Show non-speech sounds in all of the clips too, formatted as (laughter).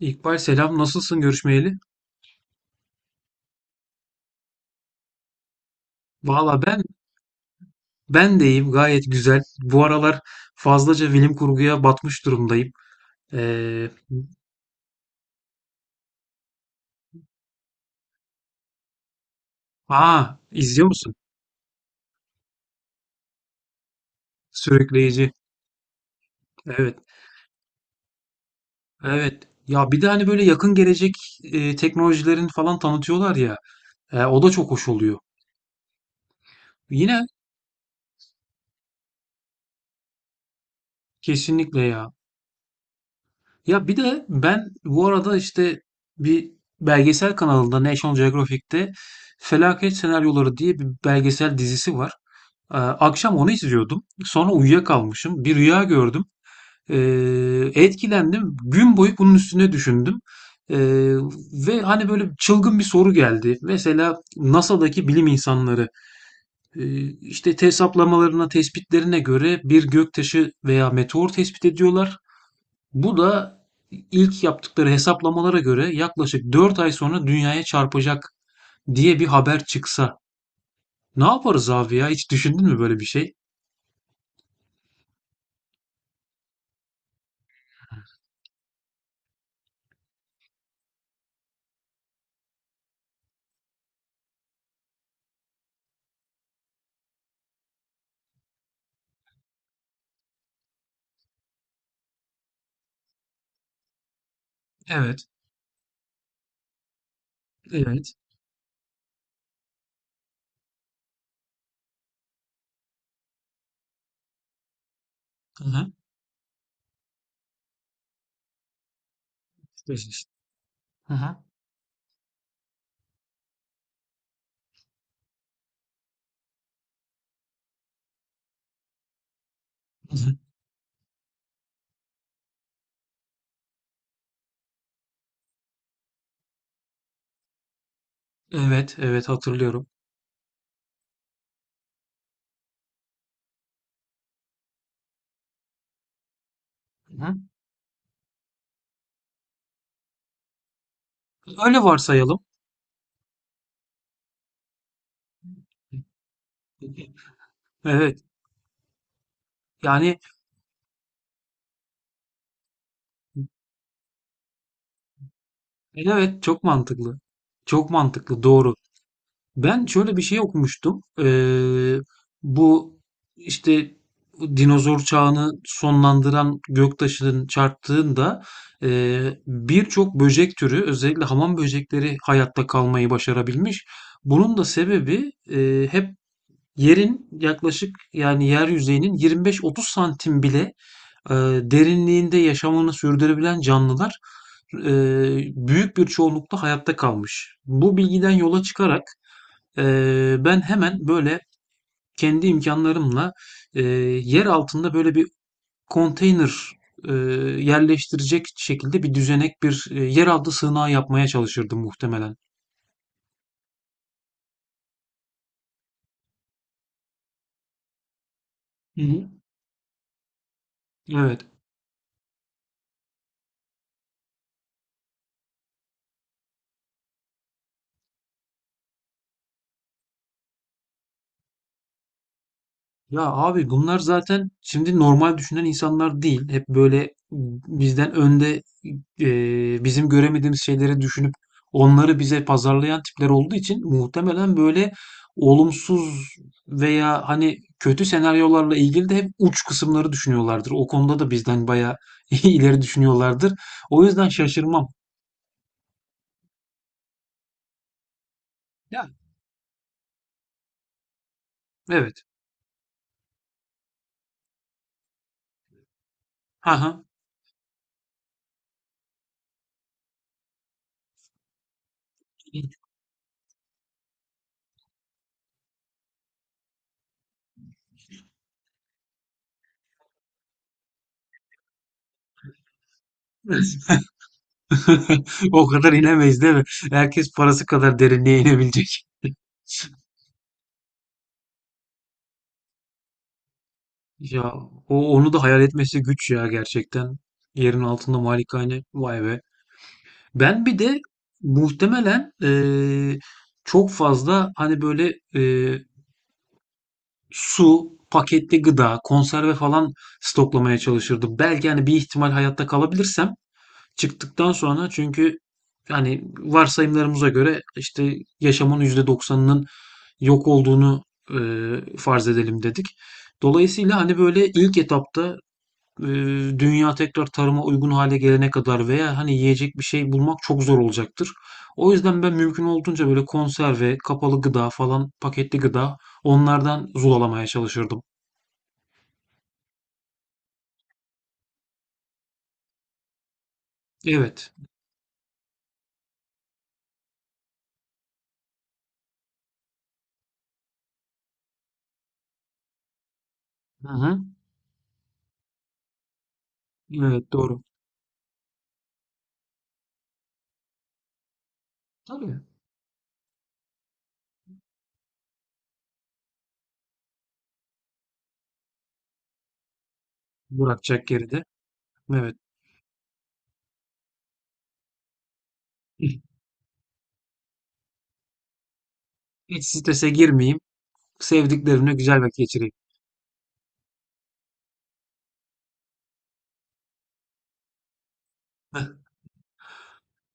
İkbal selam nasılsın görüşmeyeli? Valla ben deyim gayet güzel. Bu aralar fazlaca bilim kurguya batmış durumdayım. Ee, Aa, izliyor musun? Sürükleyici. Evet. Evet. Ya bir de hani böyle yakın gelecek teknolojilerin falan tanıtıyorlar ya. O da çok hoş oluyor. Yine kesinlikle ya. Ya bir de ben bu arada işte bir belgesel kanalında National Geographic'te Felaket Senaryoları diye bir belgesel dizisi var. Akşam onu izliyordum. Sonra uyuyakalmışım. Bir rüya gördüm. Ee, Etkilendim. Gün boyu bunun üstüne düşündüm. Ee, Ve hani böyle çılgın bir soru geldi. Mesela NASA'daki bilim insanları işte hesaplamalarına, tespitlerine göre bir göktaşı veya meteor tespit ediyorlar. Bu da ilk yaptıkları hesaplamalara göre yaklaşık 4 ay sonra dünyaya çarpacak diye bir haber çıksa. Ne yaparız abi ya? Hiç düşündün mü böyle bir şey? Evet, evet. Hı hı. Beşinci. Hı hı. Hı hı. Evet, evet hatırlıyorum. Hı hı. Öyle varsayalım. Evet. Yani evet çok mantıklı. Çok mantıklı. Doğru. Ben şöyle bir şey okumuştum. Bu işte dinozor çağını sonlandıran göktaşının çarptığında e, birçok böcek türü özellikle hamam böcekleri hayatta kalmayı başarabilmiş. Bunun da sebebi hep yerin yaklaşık yani yer yüzeyinin 25-30 santim bile e, derinliğinde yaşamını sürdürebilen canlılar e, büyük bir çoğunlukla hayatta kalmış. Bu bilgiden yola çıkarak ben hemen böyle kendi imkanlarımla e, yer altında böyle bir konteyner e, yerleştirecek şekilde bir düzenek bir yeraltı sığınağı yapmaya çalışırdım muhtemelen. Hı hı. Evet. Ya abi bunlar zaten şimdi normal düşünen insanlar değil. Hep böyle bizden önde bizim göremediğimiz şeyleri düşünüp onları bize pazarlayan tipler olduğu için muhtemelen böyle olumsuz veya hani kötü senaryolarla ilgili de hep uç kısımları düşünüyorlardır. O konuda da bizden bayağı (laughs) ileri düşünüyorlardır. O yüzden şaşırmam. Ya evet. Haha. (laughs) O kadar inemeyiz değil mi? Herkes parası kadar derinliğe inebilecek. Ya o onu da hayal etmesi güç ya gerçekten. Yerin altında malikane vay be. Ben bir de muhtemelen çok fazla hani böyle su, paketli gıda, konserve falan stoklamaya çalışırdım. Belki hani bir ihtimal hayatta kalabilirsem çıktıktan sonra çünkü yani varsayımlarımıza göre işte yaşamın %90'ının yok olduğunu farz edelim dedik. Dolayısıyla hani böyle ilk etapta dünya tekrar tarıma uygun hale gelene kadar veya hani yiyecek bir şey bulmak çok zor olacaktır. O yüzden ben mümkün olduğunca böyle konserve, kapalı gıda falan, paketli gıda onlardan zulalamaya çalışırdım. Evet. Hı hı. Evet doğru. Tabii. Bırakacak geride. Evet. (clears throat) Hiç strese girmeyeyim. Sevdiklerimle güzel vakit geçireyim.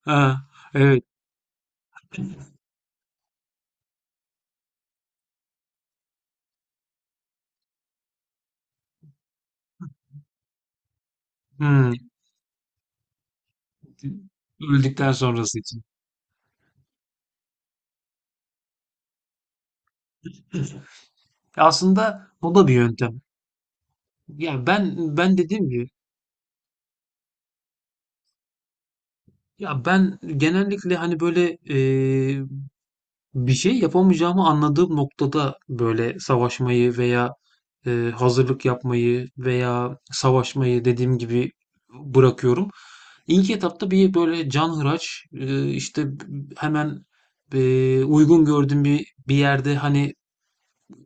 Ha, evet. Hmm. Öldükten sonrası için. Aslında bu da bir yöntem. Yani ben dediğim gibi. Ya ben genellikle hani böyle bir şey yapamayacağımı anladığım noktada böyle savaşmayı veya hazırlık yapmayı veya savaşmayı dediğim gibi bırakıyorum. İlk etapta bir böyle canhıraç işte hemen uygun gördüğüm bir yerde hani.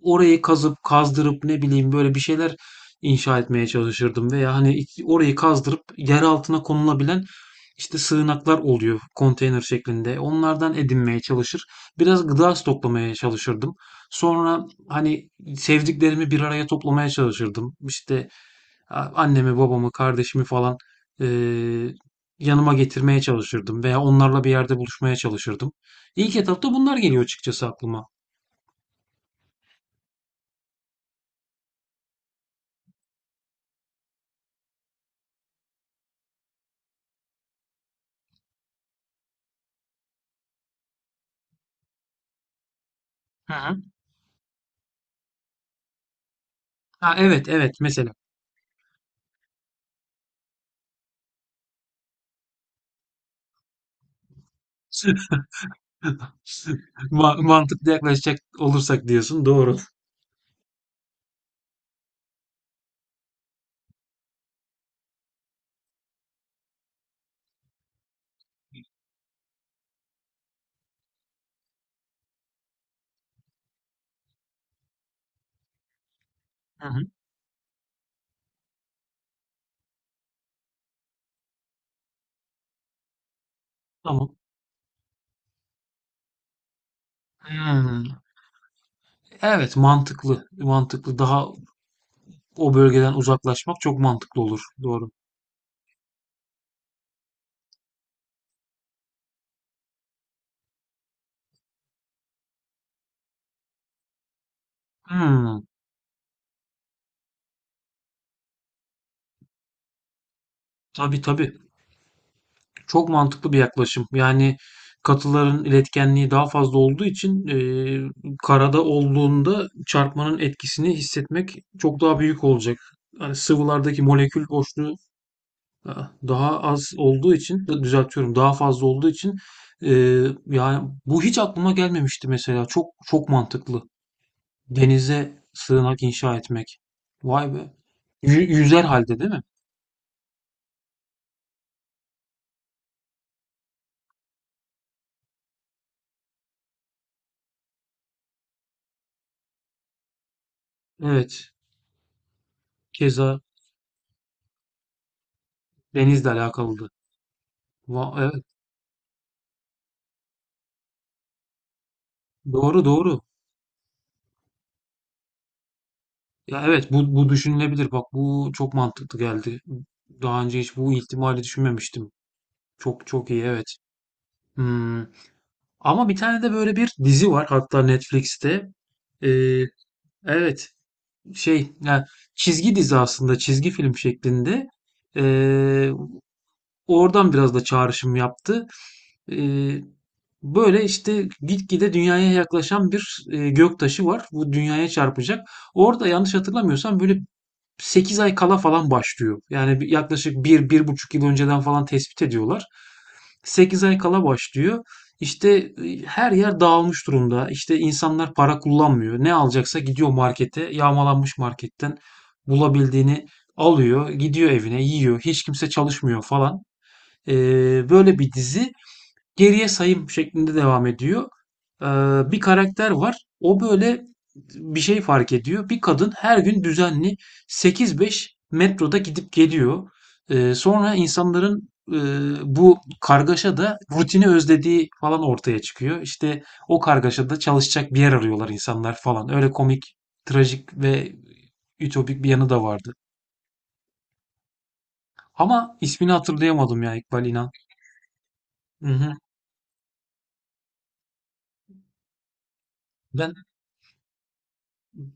Orayı kazıp kazdırıp ne bileyim böyle bir şeyler inşa etmeye çalışırdım veya hani orayı kazdırıp yer altına konulabilen işte sığınaklar oluyor konteyner şeklinde. Onlardan edinmeye çalışır. Biraz gıda stoklamaya çalışırdım. Sonra hani sevdiklerimi bir araya toplamaya çalışırdım. İşte annemi, babamı, kardeşimi falan eee, yanıma getirmeye çalışırdım veya onlarla bir yerde buluşmaya çalışırdım. İlk etapta bunlar geliyor açıkçası aklıma. Hı hı. Ha evet evet mesela. (laughs) Mantıklı yaklaşacak olursak diyorsun. Doğru. Hı hı. Tamam. Hımm. Evet, mantıklı. Mantıklı. Daha o bölgeden uzaklaşmak çok mantıklı olur. Doğru. Hımm. Tabii, tabii. Çok mantıklı bir yaklaşım. Yani katıların iletkenliği daha fazla olduğu için, karada olduğunda çarpmanın etkisini hissetmek çok daha büyük olacak. Hani sıvılardaki molekül boşluğu daha az olduğu için düzeltiyorum. Daha fazla olduğu için e, yani bu hiç aklıma gelmemişti mesela. Çok çok mantıklı. Denize sığınak inşa etmek. Vay be. Yüzer halde değil mi? Evet. Keza denizle alakalıydı. Evet. Doğru doğru. Ya evet bu düşünülebilir. Bak bu çok mantıklı geldi. Daha önce hiç bu ihtimali düşünmemiştim. Çok çok iyi evet. Hmm. Ama bir tane de böyle bir dizi var hatta Netflix'te. Ee, Evet, şey, ya çizgi dizi aslında çizgi film şeklinde. Ee, Oradan biraz da çağrışım yaptı. Ee, Böyle işte gitgide dünyaya yaklaşan bir göktaşı var. Bu dünyaya çarpacak. Orada yanlış hatırlamıyorsam böyle 8 ay kala falan başlıyor. Yani yaklaşık 1-1,5 yıl önceden falan tespit ediyorlar. 8 ay kala başlıyor. İşte her yer dağılmış durumda. İşte insanlar para kullanmıyor. Ne alacaksa gidiyor markete, yağmalanmış marketten bulabildiğini alıyor, gidiyor evine, yiyor. Hiç kimse çalışmıyor falan. Böyle bir dizi geriye sayım şeklinde devam ediyor. Ee, Bir karakter var. O böyle bir şey fark ediyor. Bir kadın her gün düzenli sekiz beş metroda gidip geliyor. Sonra insanların bu kargaşada rutini özlediği falan ortaya çıkıyor. İşte o kargaşada çalışacak bir yer arıyorlar insanlar falan. Öyle komik, trajik ve ütopik bir yanı da vardı. Ama ismini hatırlayamadım ya İkbal İnan. Hı hı. Ben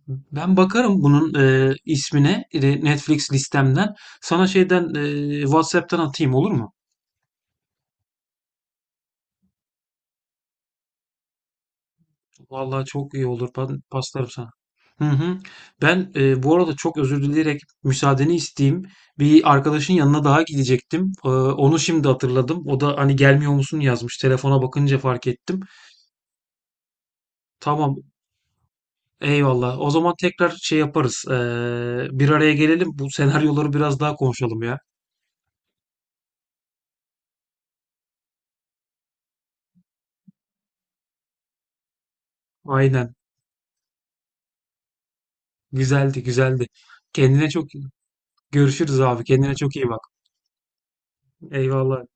Ben bakarım bunun ismine Netflix listemden. Sana şeyden WhatsApp'tan atayım olur mu? Vallahi çok iyi olur. Ben paslarım sana. Hı hı. Ben bu arada çok özür dileyerek müsaadeni isteyeyim. Bir arkadaşın yanına daha gidecektim. Onu şimdi hatırladım. O da hani gelmiyor musun yazmış. Telefona bakınca fark ettim. Tamam. Eyvallah. O zaman tekrar şey yaparız. Bir araya gelelim. Bu senaryoları biraz daha konuşalım ya. Aynen. Güzeldi, güzeldi. Kendine çok. Görüşürüz abi. Kendine çok iyi bak. Eyvallah.